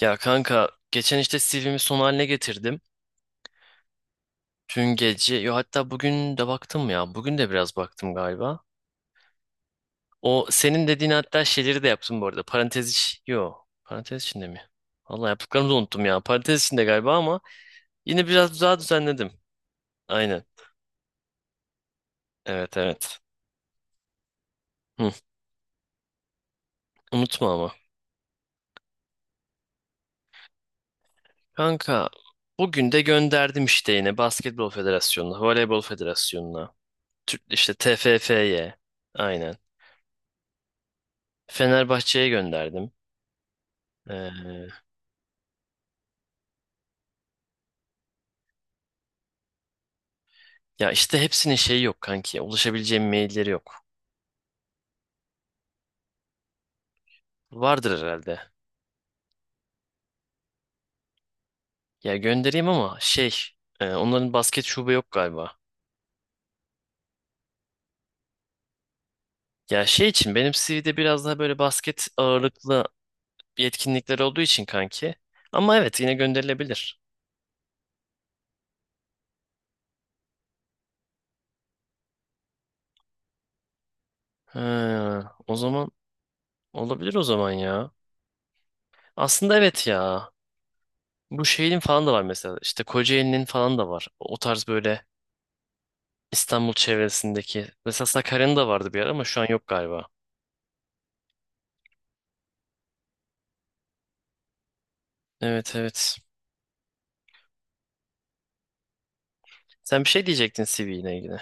Ya kanka geçen işte CV'mi son haline getirdim. Dün gece yo hatta bugün de baktım ya. Bugün de biraz baktım galiba. O senin dediğin hatta şeyleri de yaptım bu arada. Parantez iç yo parantez içinde mi? Vallahi yaptıklarımı da unuttum ya. Parantez içinde galiba ama yine biraz daha düzenledim. Aynen. Evet evet. Hı, unutma ama. Kanka bugün de gönderdim işte yine Basketbol Federasyonu'na, Voleybol Federasyonu'na, işte TFF'ye. Aynen. Fenerbahçe'ye gönderdim. Ee, Ya işte hepsinin şeyi yok kanki. Ulaşabileceğim mailleri yok. Vardır herhalde. Ya göndereyim ama şey, onların basket şube yok galiba. Ya şey için benim CV'de biraz daha böyle basket ağırlıklı yetkinlikler olduğu için kanki. Ama evet yine gönderilebilir. He, o zaman olabilir o zaman ya. Aslında evet ya. Bu şeyin falan da var mesela. İşte Kocaeli'nin falan da var. O tarz böyle İstanbul çevresindeki. Mesela Sakarya'nın da vardı bir ara ama şu an yok galiba. Evet evet. Sen bir şey diyecektin CV ile ilgili.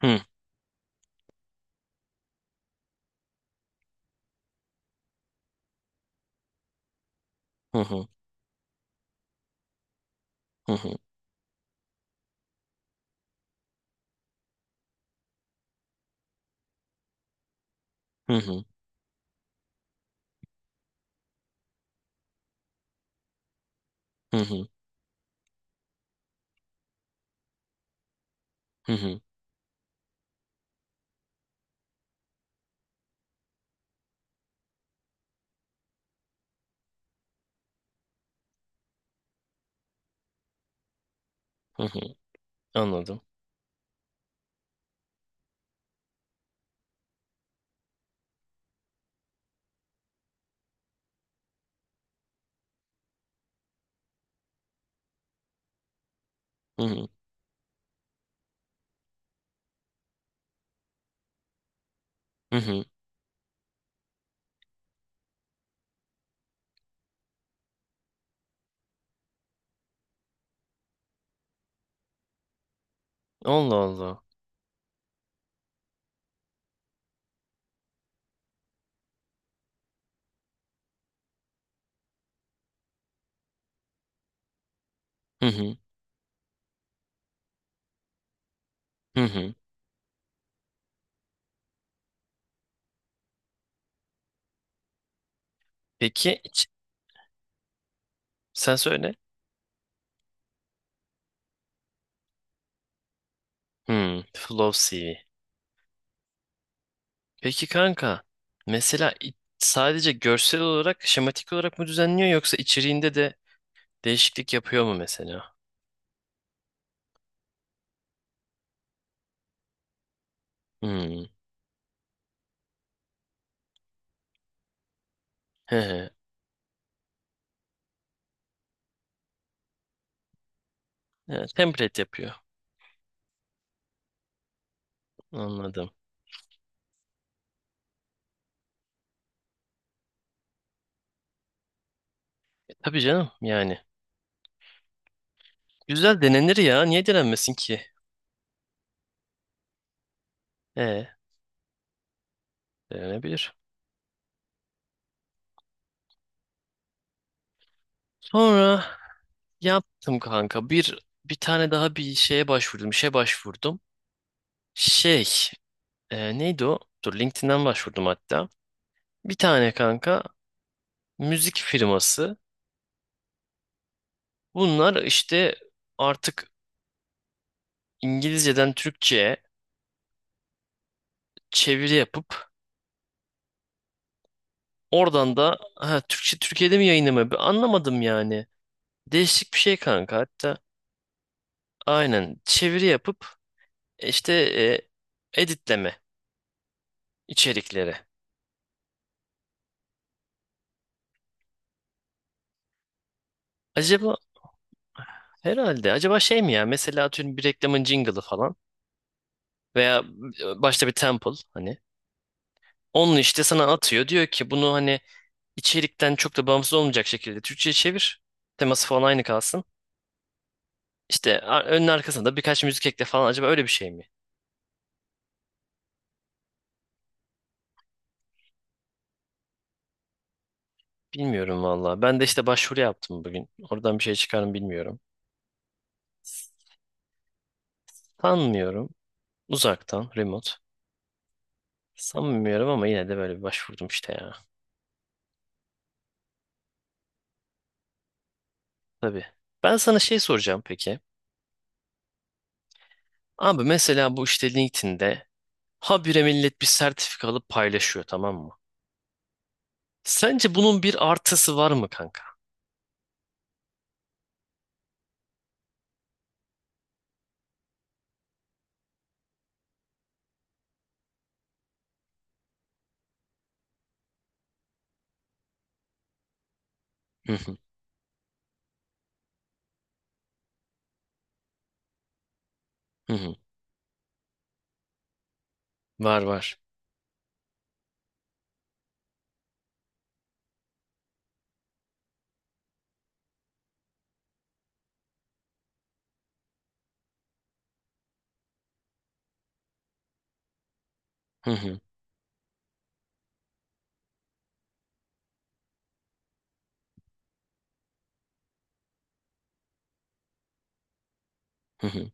Hı hı hı hı hı hı hı hı hı hı hı hı hı. Anladım. Hı hı hı hı. Allah Allah. Hı hı hı hı. Peki iç- sen söyle. Hı, flow CV. Peki kanka mesela sadece görsel olarak şematik olarak mı düzenliyor yoksa içeriğinde de değişiklik yapıyor mu mesela? Hı. He he. He, template yapıyor. Anladım. E, tabii canım yani. Güzel denenir ya. Niye denenmesin ki? E, denenebilir. Sonra yaptım kanka. Bir tane daha bir şeye başvurdum. İşe başvurdum. Şey, neydi o? Dur LinkedIn'den başvurdum hatta. Bir tane kanka müzik firması. Bunlar işte artık İngilizceden Türkçe'ye çeviri yapıp oradan da ha, Türkçe Türkiye'de mi yayınlamıyor? Bir anlamadım yani. Değişik bir şey kanka hatta. Aynen çeviri yapıp işte editleme içerikleri. Acaba herhalde. Acaba şey mi ya? Mesela atıyorum bir reklamın jingle'ı falan veya başta bir temple hani. Onun işte sana atıyor. Diyor ki bunu hani içerikten çok da bağımsız olmayacak şekilde Türkçe'ye çevir. Teması falan aynı kalsın. İşte önün arkasında birkaç müzik ekle falan. Acaba öyle bir şey mi? Bilmiyorum valla. Ben de işte başvuru yaptım bugün. Oradan bir şey çıkar mı bilmiyorum. Sanmıyorum. Uzaktan, remote. Sanmıyorum ama yine de böyle bir başvurdum işte ya. Tabii. Ben sana şey soracağım peki. Abi mesela bu işte LinkedIn'de habire millet bir sertifika alıp paylaşıyor tamam mı? Sence bunun bir artısı var mı kanka? Hı hı, hı hı. Var var. Hı hı, hı hı,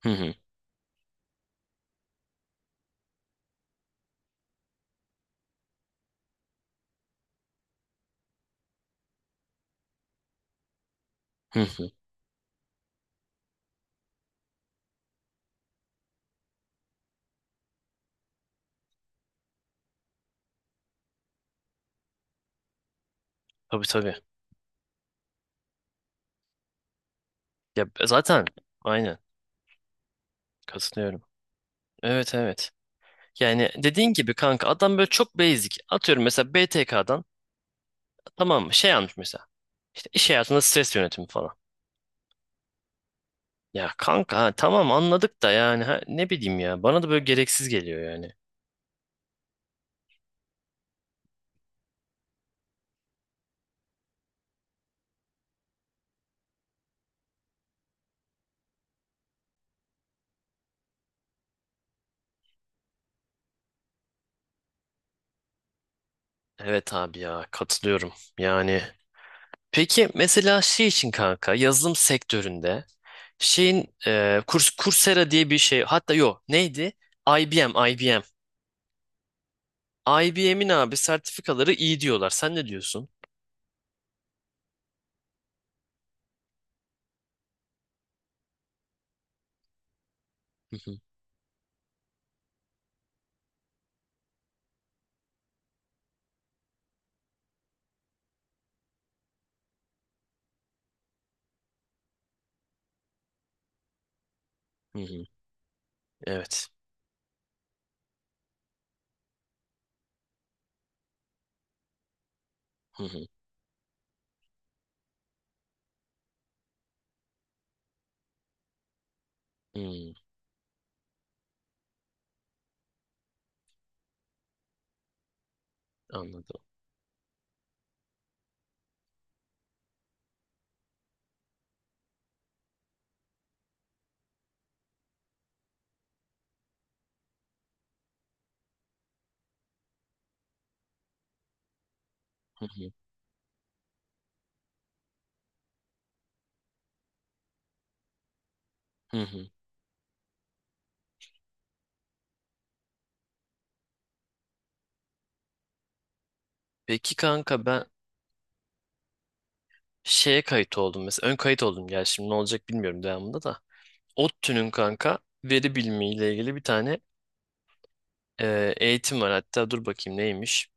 hı hı, hı hı. Tabii tabii. Ya zaten aynen katılıyorum. Evet evet. Yani dediğin gibi kanka adam böyle çok basic. Atıyorum mesela BTK'dan tamam mı? Şey almış mesela. İşte iş hayatında stres yönetimi falan. Ya kanka ha, tamam anladık da yani ha, ne bileyim ya bana da böyle gereksiz geliyor yani. Evet abi ya katılıyorum. Yani peki mesela şey için kanka yazılım sektöründe şeyin kurs Coursera diye bir şey hatta yok neydi? IBM IBM. IBM'in abi sertifikaları iyi diyorlar. Sen ne diyorsun? Hı hı, hı hı. Evet. Hı hı, hı. Anladım. Hı hı, hı hı. Peki kanka ben şeye kayıt oldum mesela ön kayıt oldum gel şimdi ne olacak bilmiyorum devamında da. ODTÜ'nün kanka veri bilimi ile ilgili bir tane eğitim var. Hatta dur bakayım neymiş?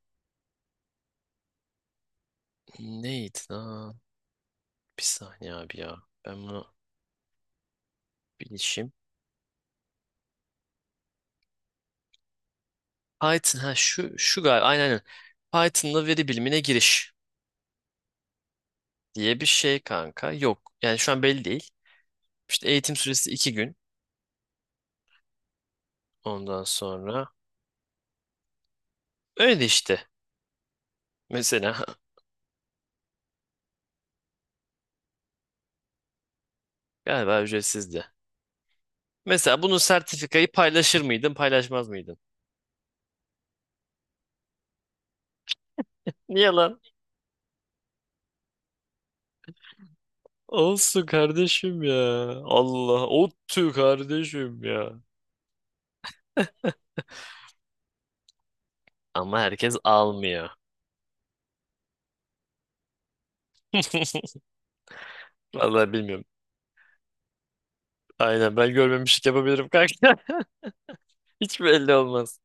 Neydi lan? Bir saniye abi ya. Ben bunu bilişim. Python ha şu şu galiba aynen aynen. Python'la veri bilimine giriş diye bir şey kanka. Yok. Yani şu an belli değil. İşte eğitim süresi 2 gün. Ondan sonra öyle işte. Mesela galiba ücretsizdi. Mesela bunun sertifikayı paylaşır mıydın, paylaşmaz mıydın? Niye lan? Olsun kardeşim ya. Allah. Ottu kardeşim ya. Ama herkes almıyor. Vallahi bilmiyorum. Aynen ben görmemişlik yapabilirim kanka. Hiç belli olmaz.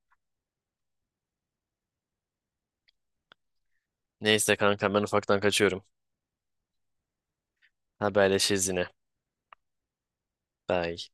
Neyse kanka ben ufaktan kaçıyorum. Haberleşiriz yine. Bye.